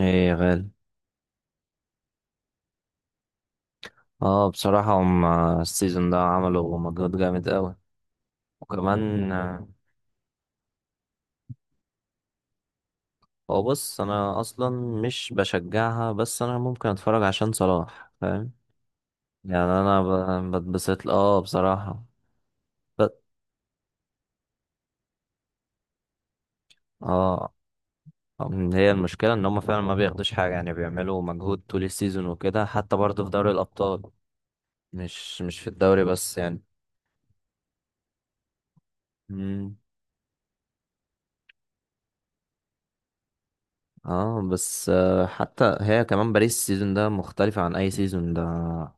ايه يا غالي. اه بصراحة هم السيزون ده عملوا مجهود جامد قوي وكمان هو بص انا اصلا مش بشجعها بس انا ممكن اتفرج عشان صلاح فاهم. يعني انا بتبسط اه بصراحة. ب- اه هي المشكلة ان هم فعلا ما بياخدوش حاجة يعني بيعملوا مجهود طول السيزون وكده حتى برضه في دوري الابطال مش في الدوري بس يعني. مم. اه بس حتى هي كمان باريس السيزون ده مختلفة عن أي سيزون ده.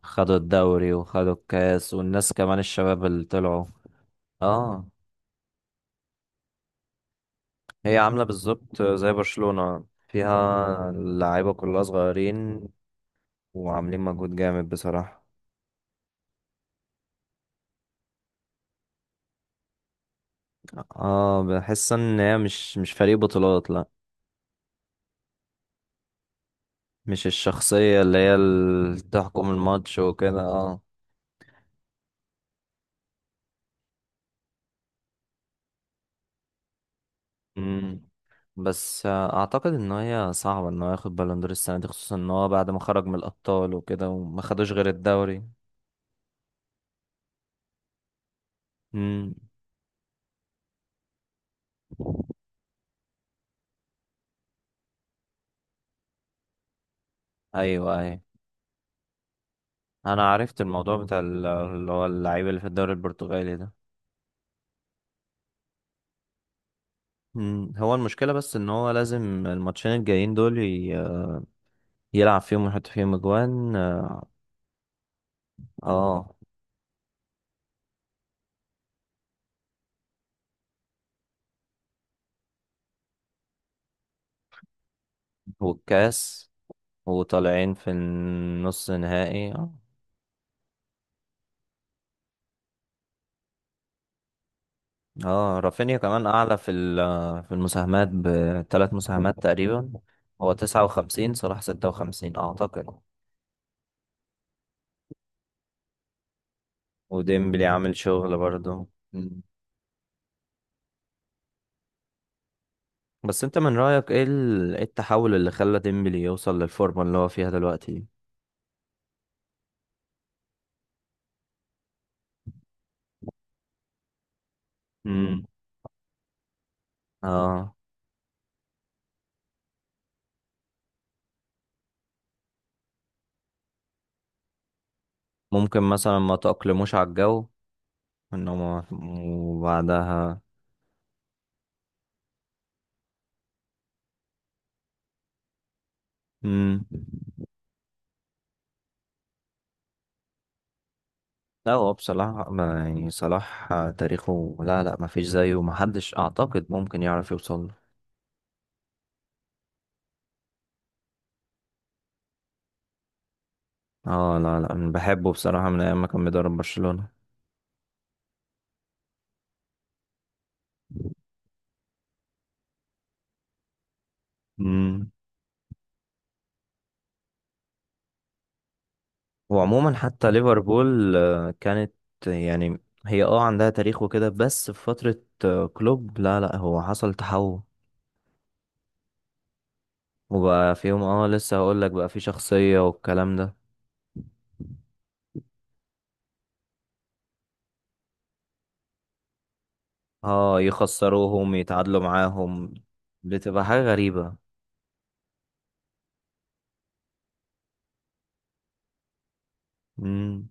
خدوا الدوري وخدوا الكاس والناس كمان الشباب اللي طلعوا. اه هي عاملة بالظبط زي برشلونة فيها اللعيبة كلها صغيرين وعاملين مجهود جامد بصراحة. اه بحس ان هي مش فريق بطولات لا. مش الشخصية اللي هي اللي تحكم الماتش وكده اه. مم. بس اعتقد ان هي صعبه ان هو ياخد بالون دور السنه دي خصوصا ان هو بعد ما خرج من الابطال وكده وما خدوش غير الدوري. امم. ايوه ايوه انا عرفت الموضوع بتاع اللي هو اللعيب اللي في الدوري البرتغالي ده. مم. هو المشكله بس ان هو لازم الماتشين الجايين دول يلعب فيهم ويحط فيهم اجوان. اه والكاس وطالعين في النص نهائي. اه رافينيا كمان اعلى في في المساهمات ب3 مساهمات تقريبا. هو 59 صلاح 56 اعتقد. وديمبلي عامل شغل برضه. مم. بس انت من رأيك ايه إيه التحول اللي خلى ديمبلي يوصل للفورمة اللي هو فيها دلوقتي. امم. اه ممكن مثلا ما تأقلموش على الجو انه وبعدها. مم. لا هو بصراحة يعني صلاح تاريخه لا لا ما فيش زيه ما حدش اعتقد ممكن يعرف يوصل. اه لا لا أنا بحبه بصراحة من أيام ما كان بيدرب برشلونة. امم. وعموما حتى ليفربول كانت يعني. هي اه عندها تاريخ وكده بس في فترة كلوب لا لا هو حصل تحول وبقى فيهم اه لسه هقول لك بقى في شخصية والكلام ده. اه يخسروهم يتعادلوا معاهم بتبقى حاجة غريبة. امم.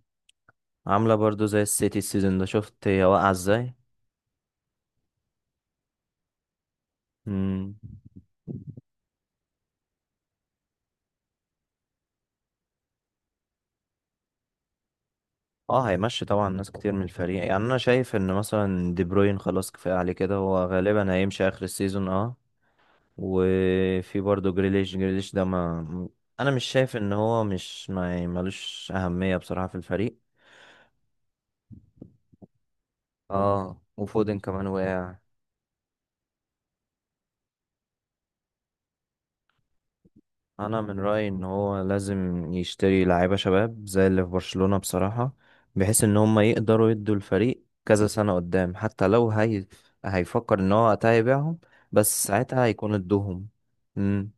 عاملة برضو زي السيتي السيزون ده شفت هي واقعة ازاي. امم. اه هيمشي طبعا ناس كتير من الفريق يعني انا شايف ان مثلا دي بروين خلاص كفايه عليه كده هو غالبا هيمشي اخر السيزون اه. وفي برضه جريليش جريليش ده ما انا مش شايف ان هو مش ما ملوش اهميه بصراحه في الفريق. اه وفودن كمان وقع. انا من رايي ان هو لازم يشتري لعيبه شباب زي اللي في برشلونه بصراحه بحيث ان هم يقدروا يدوا الفريق كذا سنه قدام حتى لو هي هيفكر ان هو وقتها يبيعهم بس ساعتها هيكون ادوهم. امم.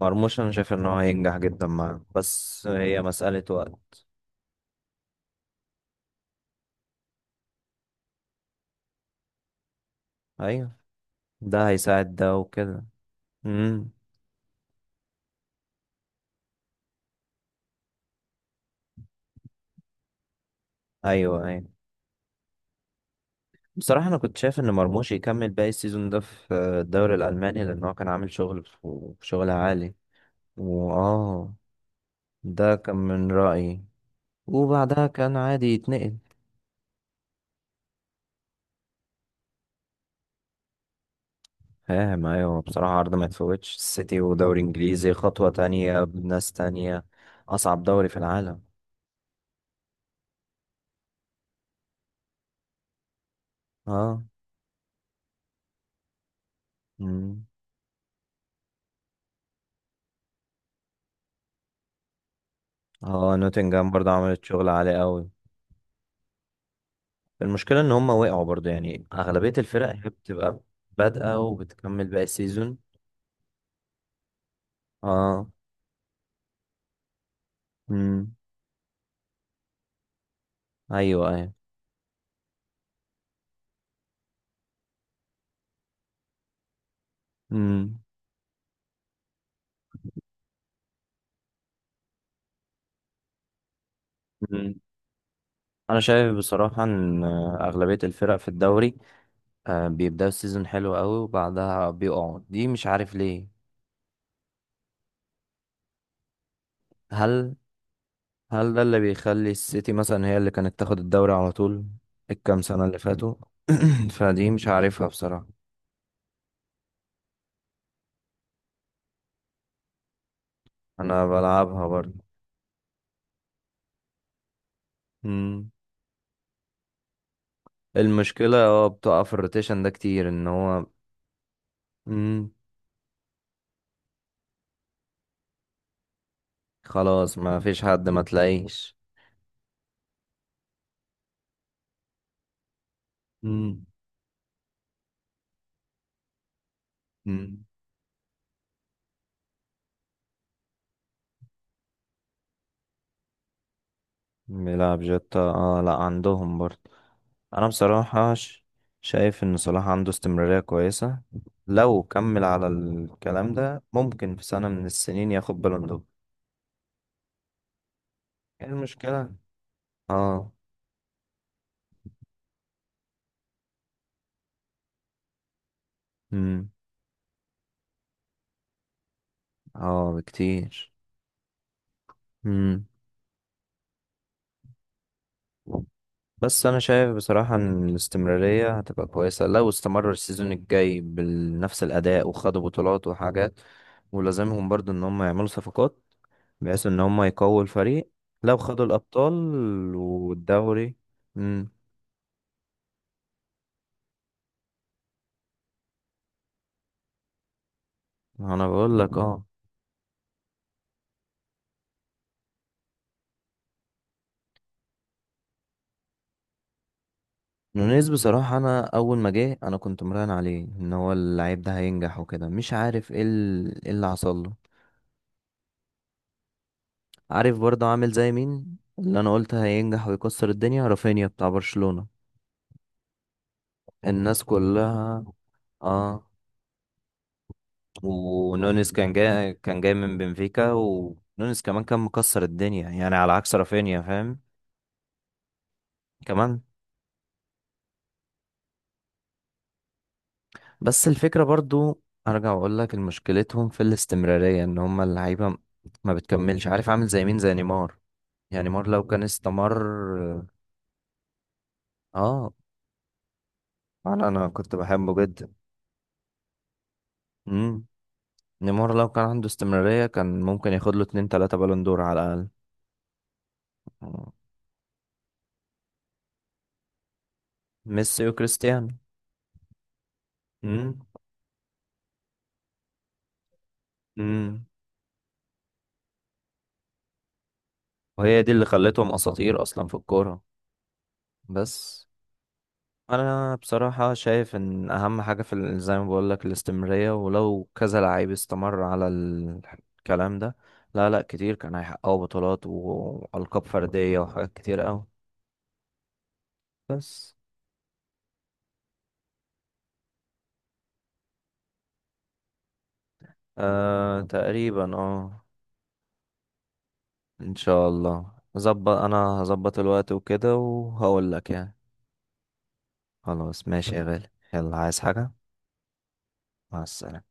مرموش انا شايف ان هو هينجح جدا معاه بس هي مساله وقت. ايوه ده هيساعد ده وكده. امم. ايوه ايوه بصراحه انا كنت شايف ان مرموش يكمل باقي السيزون ده في الدوري الالماني لان هو كان عامل شغل في شغل عالي. واه ده كان من رأيي وبعدها كان عادي يتنقل. فاهم ايوه بصراحة عرض ما يتفوتش السيتي ودوري انجليزي خطوة تانية بناس تانية. اصعب دوري في العالم. اه. مم. اه نوتنجهام برضه عملت شغل عالي قوي. المشكلة ان هم وقعوا برضه يعني اغلبية الفرق هي بتبقى بادئة وبتكمل باقي السيزون. اه. مم. ايوه ايوه. مم. مم. انا شايف بصراحة ان اغلبية الفرق في الدوري بيبدأوا السيزون حلو قوي وبعدها بيقعوا دي مش عارف ليه. هل هل ده اللي بيخلي السيتي مثلا هي اللي كانت تاخد الدوري على طول الكام سنة اللي فاتوا؟ فدي مش عارفها بصراحة. انا بلعبها برضه. مم. المشكلة هو بتقع في الروتيشن ده كتير ان هو. مم. خلاص ما فيش حد ما تلاقيش. مم. مم. بيلعب جتا اه لا عندهم برضه. انا بصراحة شايف ان صلاح عنده استمرارية كويسة لو كمل على الكلام ده ممكن في سنة من السنين ياخد بالون دور. ايه المشكلة اه. امم. اه بكتير. امم. بس انا شايف بصراحة ان الاستمرارية هتبقى كويسة لو استمر السيزون الجاي بنفس الاداء وخدوا بطولات وحاجات ولازمهم برضو ان هم يعملوا صفقات بحيث ان هم يقووا الفريق لو خدوا الابطال والدوري. امم. انا بقول لك اه. نونيز بصراحة انا اول ما جه انا كنت مراهن عليه ان هو اللعيب ده هينجح وكده مش عارف ايه إيه اللي حصل له. عارف برضه عامل زي مين اللي انا قلت هينجح ويكسر الدنيا رافينيا بتاع برشلونة. الناس كلها اه. ونونيز كان جاي كان جاي من بنفيكا ونونيز كمان كان مكسر الدنيا يعني على عكس رافينيا فاهم. كمان. بس الفكرة برضو ارجع واقول لك مشكلتهم في الاستمرارية ان هم اللعيبة ما بتكملش عارف عامل زي مين زي نيمار. يعني نيمار لو كان استمر اه. انا كنت بحبه جدا. امم. نيمار لو كان عنده استمرارية كان ممكن ياخد له اتنين تلاتة بالون دور على الأقل. ميسي وكريستيانو. امم. امم. وهي دي اللي خلتهم اساطير اصلا في الكوره. بس انا بصراحه شايف ان اهم حاجه في زي ما بقول لك الاستمراريه ولو كذا لعيب استمر على الكلام ده. لا لا كتير كان هيحققوا بطولات والقاب فرديه وحاجات كتير قوي. بس آه تقريبا اه. ان شاء الله ظبط. انا هظبط الوقت وكده وهقول لك يعني. خلاص ماشي يا غالي يلا عايز حاجه. مع السلامه.